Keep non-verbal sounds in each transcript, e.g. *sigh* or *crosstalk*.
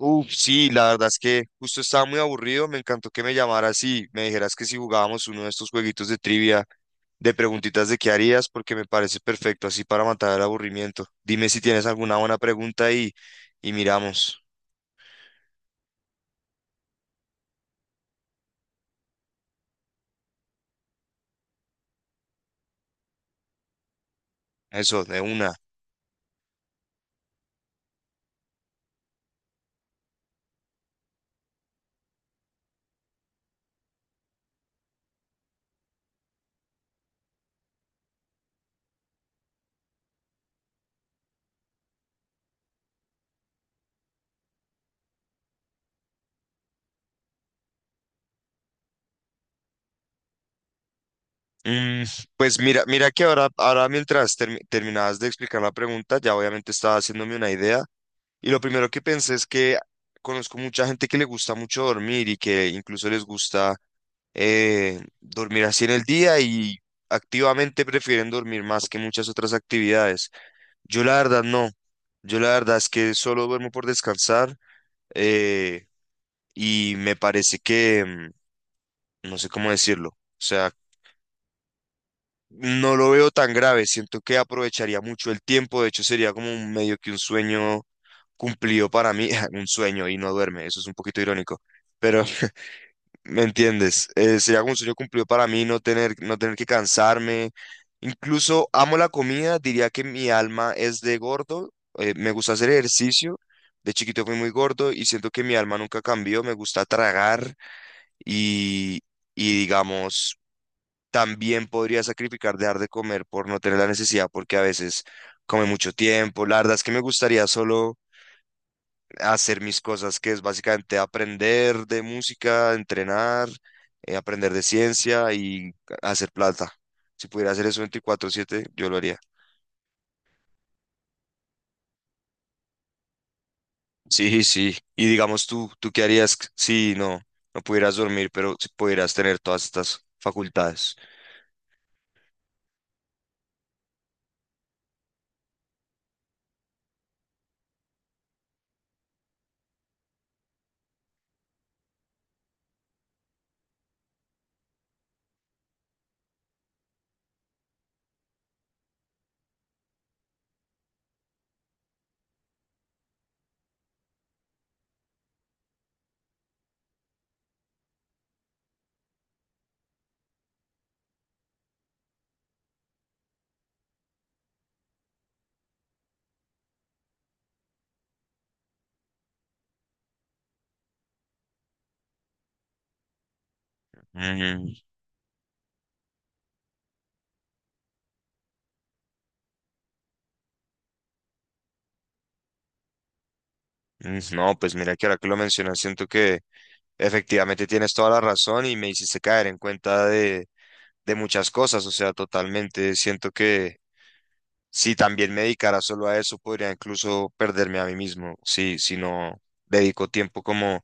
Uf, sí, la verdad es que justo estaba muy aburrido. Me encantó que me llamaras y me dijeras que si jugábamos uno de estos jueguitos de trivia, de preguntitas de qué harías, porque me parece perfecto así para matar el aburrimiento. Dime si tienes alguna buena pregunta y miramos. Eso, de una. Mm, pues mira, mira que ahora mientras terminabas de explicar la pregunta, ya obviamente estaba haciéndome una idea. Y lo primero que pensé es que conozco mucha gente que le gusta mucho dormir y que incluso les gusta dormir así en el día y activamente prefieren dormir más que muchas otras actividades. Yo la verdad no. Yo la verdad es que solo duermo por descansar, eh, y me parece que, no sé cómo decirlo, o sea, no lo veo tan grave. Siento que aprovecharía mucho el tiempo. De hecho, sería como un medio que un sueño cumplido para mí, *laughs* un sueño y no duerme. Eso es un poquito irónico. Pero ¿me entiendes? Sería como un sueño cumplido para mí no tener, no tener que cansarme. Incluso amo la comida, diría que mi alma es de gordo. Me gusta hacer ejercicio. De chiquito fui muy gordo y siento que mi alma nunca cambió. Me gusta tragar y, y digamos, también podría sacrificar dejar de comer por no tener la necesidad porque a veces come mucho tiempo. La verdad es que me gustaría solo hacer mis cosas, que es básicamente aprender de música, entrenar, aprender de ciencia y hacer plata. Si pudiera hacer eso 24/7 yo lo haría. Sí, sí. Y digamos tú, ¿tú qué harías si no pudieras dormir, pero si pudieras tener todas estas facultades? Mm, No, pues mira que ahora que lo mencionas, siento que efectivamente tienes toda la razón y me hiciste caer en cuenta de muchas cosas, o sea, totalmente. Siento que si también me dedicara solo a eso, podría incluso perderme a mí mismo. Si no dedico tiempo como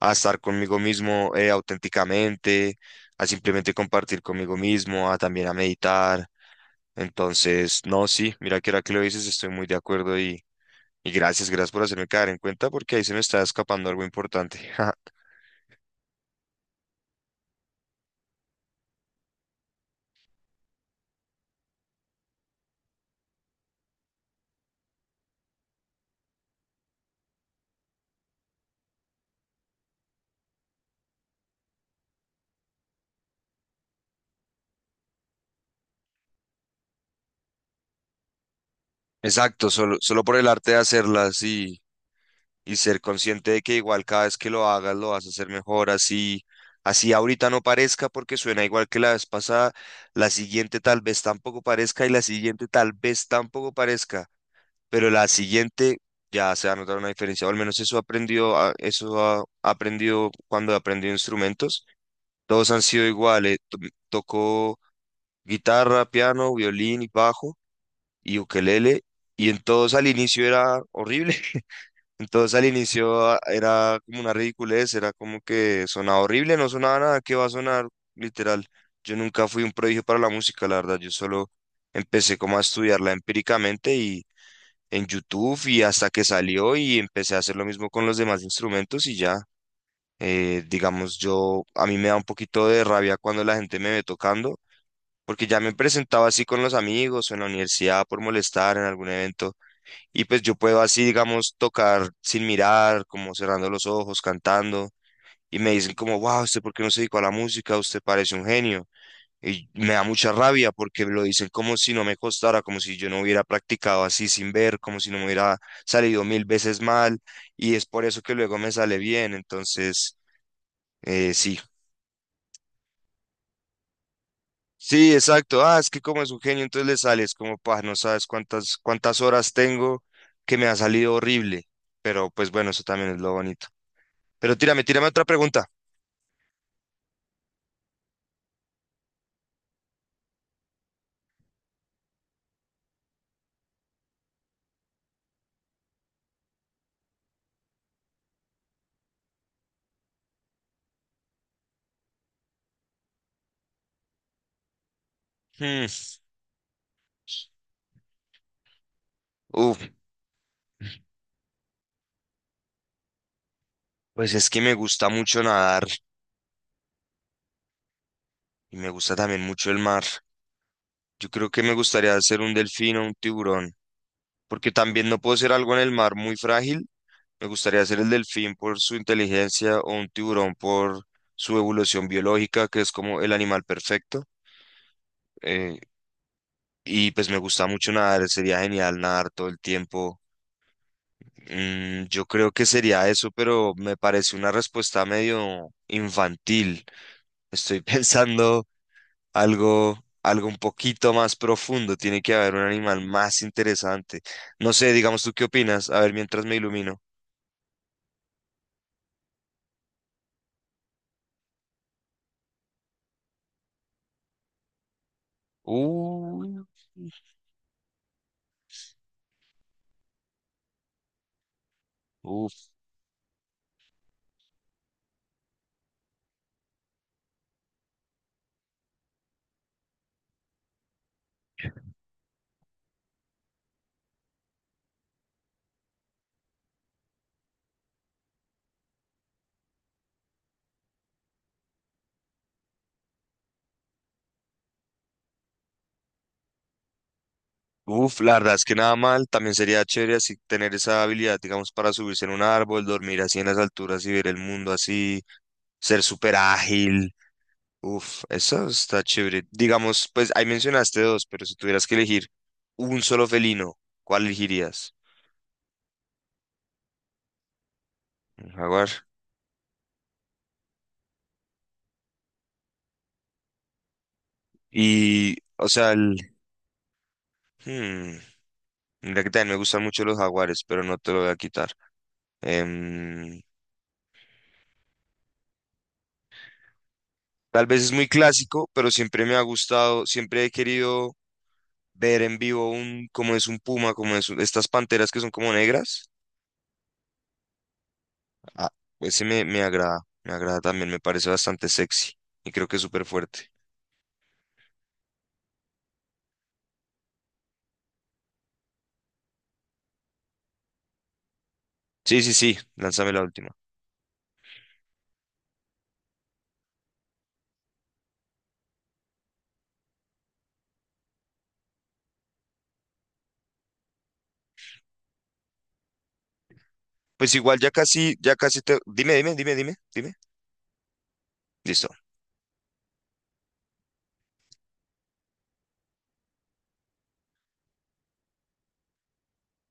a estar conmigo mismo, auténticamente, a simplemente compartir conmigo mismo, a también a meditar. Entonces, no, sí, mira que ahora que lo dices, estoy muy de acuerdo y gracias, gracias por hacerme caer en cuenta porque ahí se me está escapando algo importante. *laughs* Exacto, solo, solo por el arte de hacerlas y ser consciente de que igual cada vez que lo hagas lo vas a hacer mejor, así, así ahorita no parezca porque suena igual que la vez pasada, la siguiente tal vez tampoco parezca y la siguiente tal vez tampoco parezca, pero la siguiente ya se va a notar una diferencia, o al menos eso aprendió, eso ha aprendido cuando aprendió instrumentos, todos han sido iguales, tocó guitarra, piano, violín y bajo y ukelele. Y en todos al inicio era horrible, entonces al inicio era como una ridiculez, era como que sonaba horrible, no sonaba nada, que va a sonar? Literal. Yo nunca fui un prodigio para la música, la verdad. Yo solo empecé como a estudiarla empíricamente y en YouTube y hasta que salió y empecé a hacer lo mismo con los demás instrumentos y ya. Digamos, yo a mí me da un poquito de rabia cuando la gente me ve tocando, porque ya me presentaba así con los amigos o en la universidad por molestar en algún evento y pues yo puedo así, digamos, tocar sin mirar, como cerrando los ojos, cantando. Y me dicen como, wow, ¿usted por qué no se dedicó a la música? Usted parece un genio. Y me da mucha rabia porque lo dicen como si no me costara, como si yo no hubiera practicado así sin ver, como si no me hubiera salido 1000 veces mal. Y es por eso que luego me sale bien. Entonces, sí. Sí, exacto. Ah, es que como es un genio, entonces le sales como, pa, no sabes cuántas, cuántas horas tengo que me ha salido horrible. Pero pues bueno, eso también es lo bonito. Pero tírame, tírame otra pregunta. Hmm, Uf, pues es que me gusta mucho nadar y me gusta también mucho el mar. Yo creo que me gustaría ser un delfín o un tiburón, porque también no puedo ser algo en el mar muy frágil. Me gustaría ser el delfín por su inteligencia o un tiburón por su evolución biológica, que es como el animal perfecto. Eh, y pues me gusta mucho nadar, sería genial nadar todo el tiempo. Yo creo que sería eso, pero me parece una respuesta medio infantil. Estoy *laughs* pensando... algo, algo un poquito más profundo, tiene que haber un animal más interesante. No sé, digamos tú qué opinas, a ver mientras me ilumino. Uh, uf, la verdad es que nada mal, también sería chévere así tener esa habilidad, digamos, para subirse en un árbol, dormir así en las alturas y ver el mundo así, ser súper ágil. Uf, eso está chévere. Digamos, pues ahí mencionaste dos, pero si tuvieras que elegir un solo felino, ¿cuál elegirías? Un jaguar. Y, o sea, el, Hmm, mira que también me gustan mucho los jaguares, pero no te lo voy a quitar. Em, Tal vez es muy clásico, pero siempre me ha gustado, siempre he querido ver en vivo un, cómo es un puma, como es estas panteras que son como negras. Ah, ese me, me agrada también, me parece bastante sexy y creo que es súper fuerte. Sí, sí, sí, lánzame la última. Pues igual ya casi te... Dime, dime, dime, dime, dime. Listo.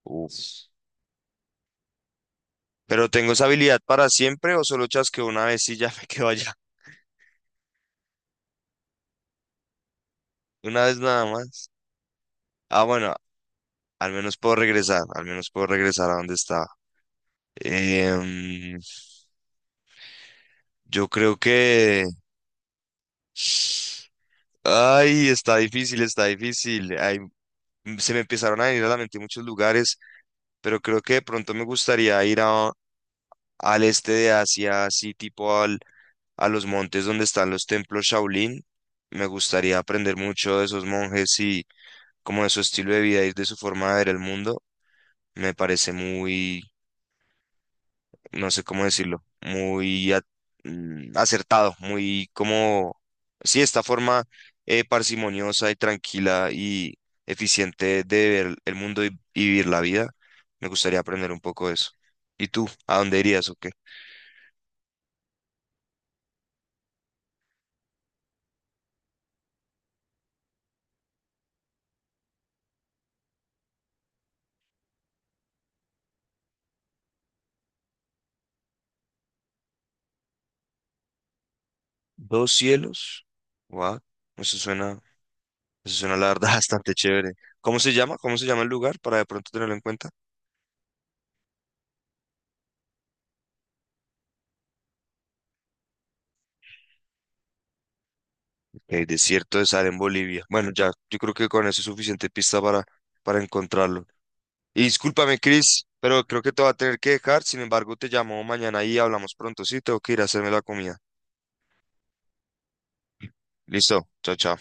Uf. ¿Pero tengo esa habilidad para siempre o solo chasqueo una vez y ya *laughs* me quedo allá? *laughs* Una vez nada más. Ah, bueno, al menos puedo regresar, al menos puedo regresar a donde estaba. Em, yo creo que... Ay, está difícil, está difícil. Ay, se me empezaron a venir a la mente muchos lugares, pero creo que de pronto me gustaría al este de Asia, así tipo al, a los montes donde están los templos Shaolin. Me gustaría aprender mucho de esos monjes y como de su estilo de vida y de su forma de ver el mundo. Me parece muy no sé cómo decirlo, muy acertado, muy como, sí, esta forma parsimoniosa y tranquila y eficiente de ver el mundo y vivir la vida. Me gustaría aprender un poco de eso. ¿Y tú? ¿A dónde irías o qué? Dos cielos. Wow, eso suena, eso suena la verdad *laughs* bastante chévere. ¿Cómo se llama? ¿Cómo se llama el lugar para de pronto tenerlo en cuenta? El desierto de Sahara en Bolivia. Bueno, ya, yo creo que con eso es suficiente pista para encontrarlo. Y discúlpame, Chris, pero creo que te voy a tener que dejar. Sin embargo, te llamo mañana y hablamos pronto. Sí, tengo que ir a hacerme la comida. Listo, chao, chao.